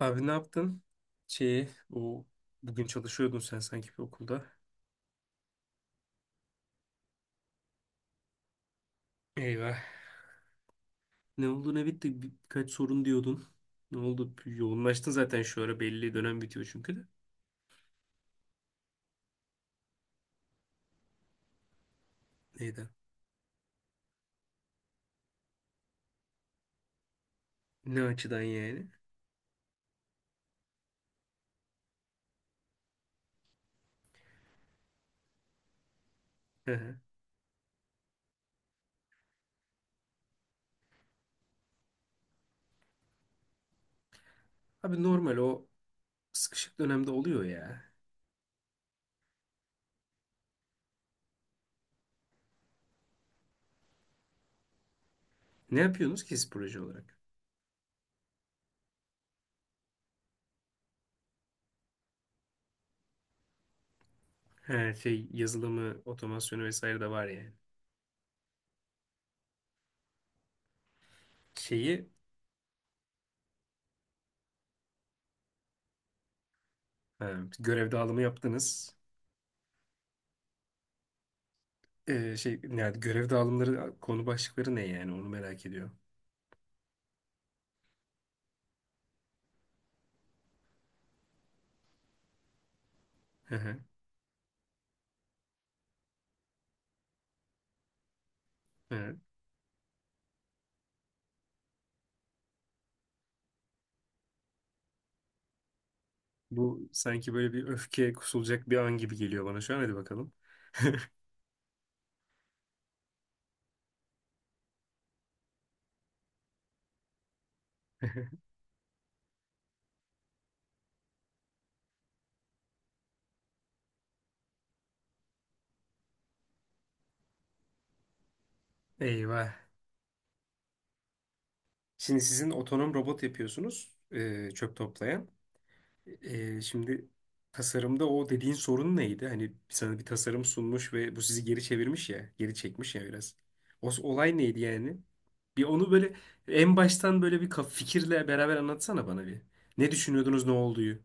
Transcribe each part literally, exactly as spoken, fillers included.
Abi ne yaptın? Şeyi, o bugün çalışıyordun sen sanki bir okulda. Eyvah. Ne oldu ne bitti? Birkaç sorun diyordun. Ne oldu? Yoğunlaştın zaten şu ara belli, dönem bitiyor çünkü de. Neyden? Ne açıdan yani? Hı hı. Abi normal o sıkışık dönemde oluyor ya. Ne yapıyorsunuz ki siz proje olarak? Her şey yazılımı, otomasyonu vesaire de var yani. Şeyi, ha, görev dağılımı yaptınız. Ee, şey yani görev dağılımları konu başlıkları ne yani onu merak ediyorum. Hı hı. Ee, Bu sanki böyle bir öfke kusulacak bir an gibi geliyor bana şu an. Hadi bakalım. Eyvah. Şimdi sizin otonom robot yapıyorsunuz, e, çöp toplayan. E, şimdi tasarımda o dediğin sorun neydi? Hani sana bir tasarım sunmuş ve bu sizi geri çevirmiş ya, geri çekmiş ya biraz. O s- olay neydi yani? Bir onu böyle en baştan böyle bir kaf- fikirle beraber anlatsana bana bir. Ne düşünüyordunuz, ne olduğu?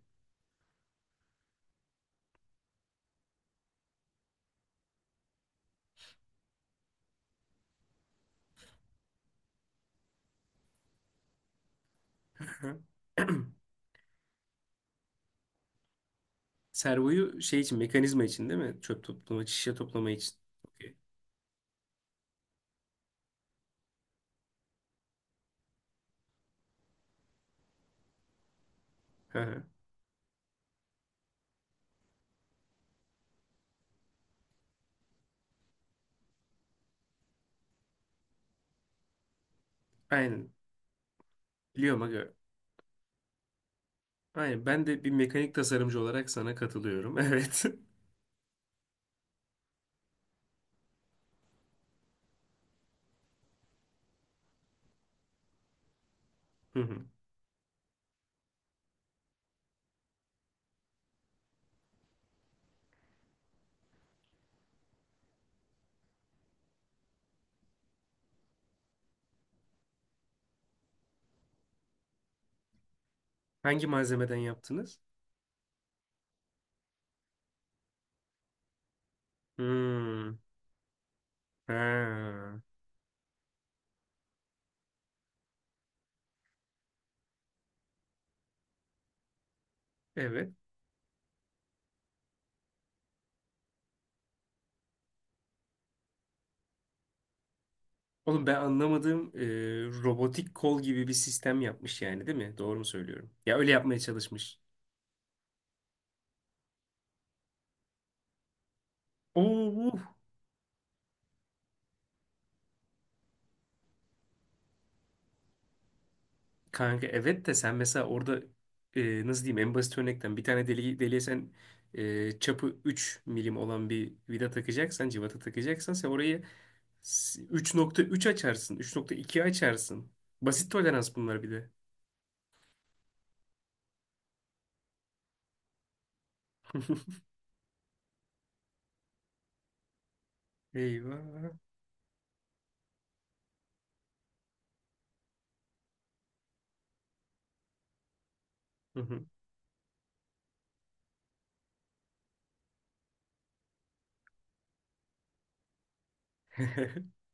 Servoyu şey için, mekanizma için değil mi? Çöp toplama, şişe toplama için. Okey. Hı hı. Aynen. Biliyorum aga. Aynen. Ben de bir mekanik tasarımcı olarak sana katılıyorum. Evet. Hı hı. Hangi malzemeden yaptınız? Hmm. Ha. Evet. Oğlum ben anlamadığım, e, robotik kol gibi bir sistem yapmış yani değil mi? Doğru mu söylüyorum? Ya öyle yapmaya çalışmış. Oo, kanka evet de sen mesela orada, e, nasıl diyeyim, en basit örnekten bir tane deli-, deliğe sen, e, çapı üç milim olan bir vida takacaksan, civata takacaksan sen orayı s- üç nokta üç açarsın, üç nokta iki açarsın. Basit tolerans bunlar bir de. Eyvah. Hı hı.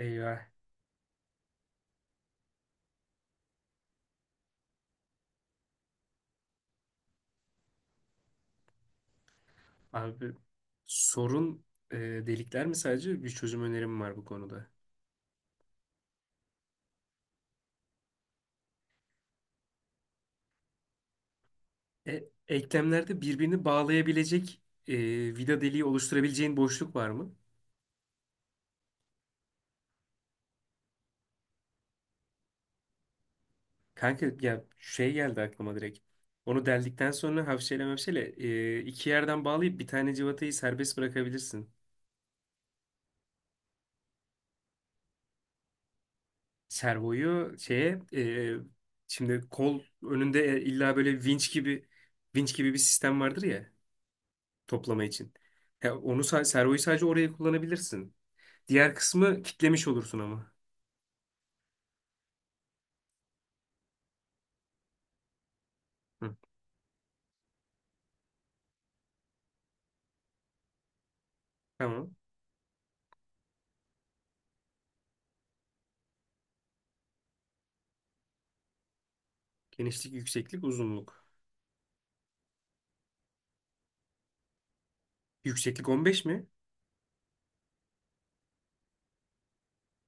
Eyvah. Abi sorun, e, delikler mi? Sadece bir çözüm önerim var bu konuda. E, eklemlerde birbirini bağlayabilecek, e, vida deliği oluşturabileceğin boşluk var mı? Kanka ya şey geldi aklıma direkt. Onu deldikten sonra hafşeyle mafşeyle, e, iki yerden bağlayıp bir tane civatayı serbest bırakabilirsin. Servoyu şeye, e, şimdi kol önünde illa böyle vinç gibi, vinç gibi bir sistem vardır ya, toplama için. Ya onu sa- servoyu sadece oraya kullanabilirsin. Diğer kısmı kitlemiş olursun ama. Hı, tamam. Genişlik, yükseklik, uzunluk. Yükseklik on beş mi?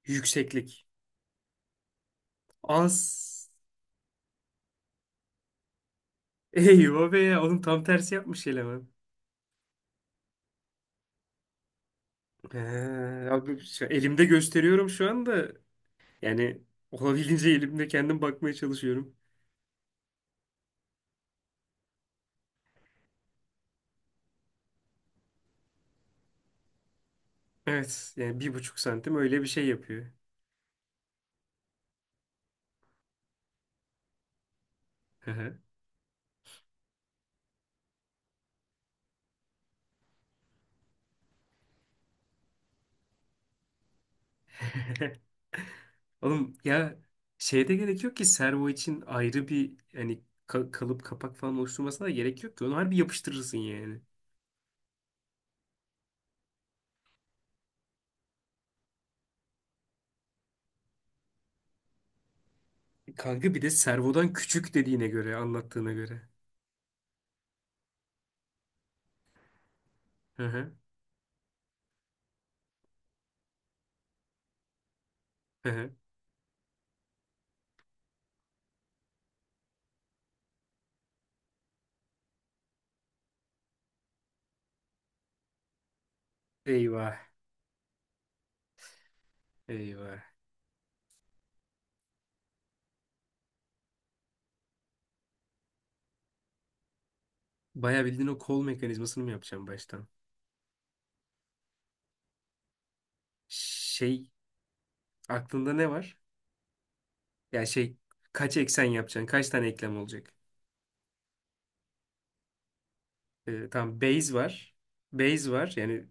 Yükseklik. Az. Eyvah be ya. Oğlum tam tersi yapmış eleman. He, abi şu- elimde gösteriyorum şu anda. Yani olabildiğince elimde kendim bakmaya çalışıyorum. Evet yani bir buçuk santim, öyle bir şey yapıyor. Hı hı. Oğlum ya, şeyde gerek yok ki, servo için ayrı bir hani ka- kalıp kapak falan oluşturmasına da gerek yok ki. Onu harbi yapıştırırsın yani. Kanka bir de servodan küçük dediğine göre, anlattığına göre. Hı hı. Hı hı. Eyvah. Eyvah. Bayağı bildiğin o kol mekanizmasını mı yapacağım baştan? Şey, aklında ne var? Ya şey, kaç eksen yapacaksın? Kaç tane eklem olacak? Ee, tamam, base var. Base var yani,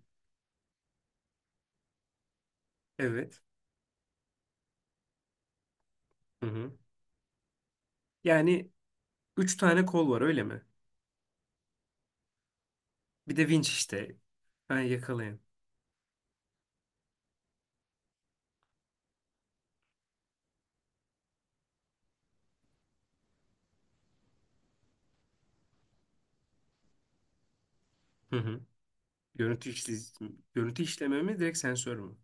evet. Hı hı. Yani üç tane kol var öyle mi? Bir de winch işte. Ben yakalayın. Hı hı. Görüntü işle- görüntü işleme mi direkt sensör mü?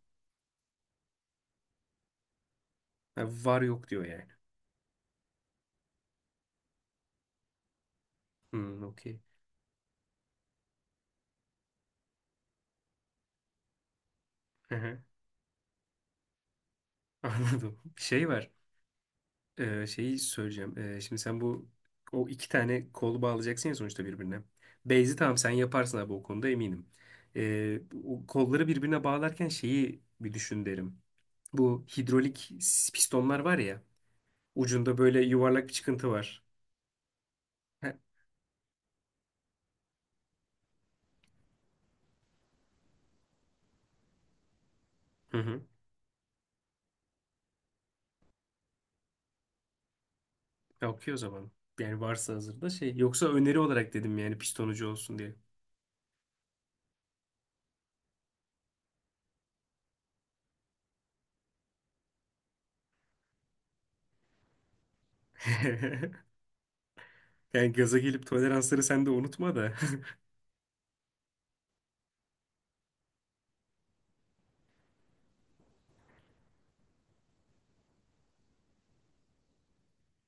Ha, var yok diyor yani. Hı, okey. Hı hı. Anladım. Şey var. Ee, şeyi söyleyeceğim. Ee, şimdi sen bu o iki tane kolu bağlayacaksın ya sonuçta birbirine. Beyzi tamam, sen yaparsın abi o konuda eminim. Ee, o kolları birbirine bağlarken şeyi bir düşün derim. Bu hidrolik s- pistonlar var ya. Ucunda böyle yuvarlak bir çıkıntı var. He. Hı hı. Ya, okey o zaman. Yani varsa hazırda şey. Yoksa öneri olarak dedim yani pistonucu olsun diye. Yani gaza gelip toleransları sen de unutma da.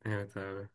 Evet abi.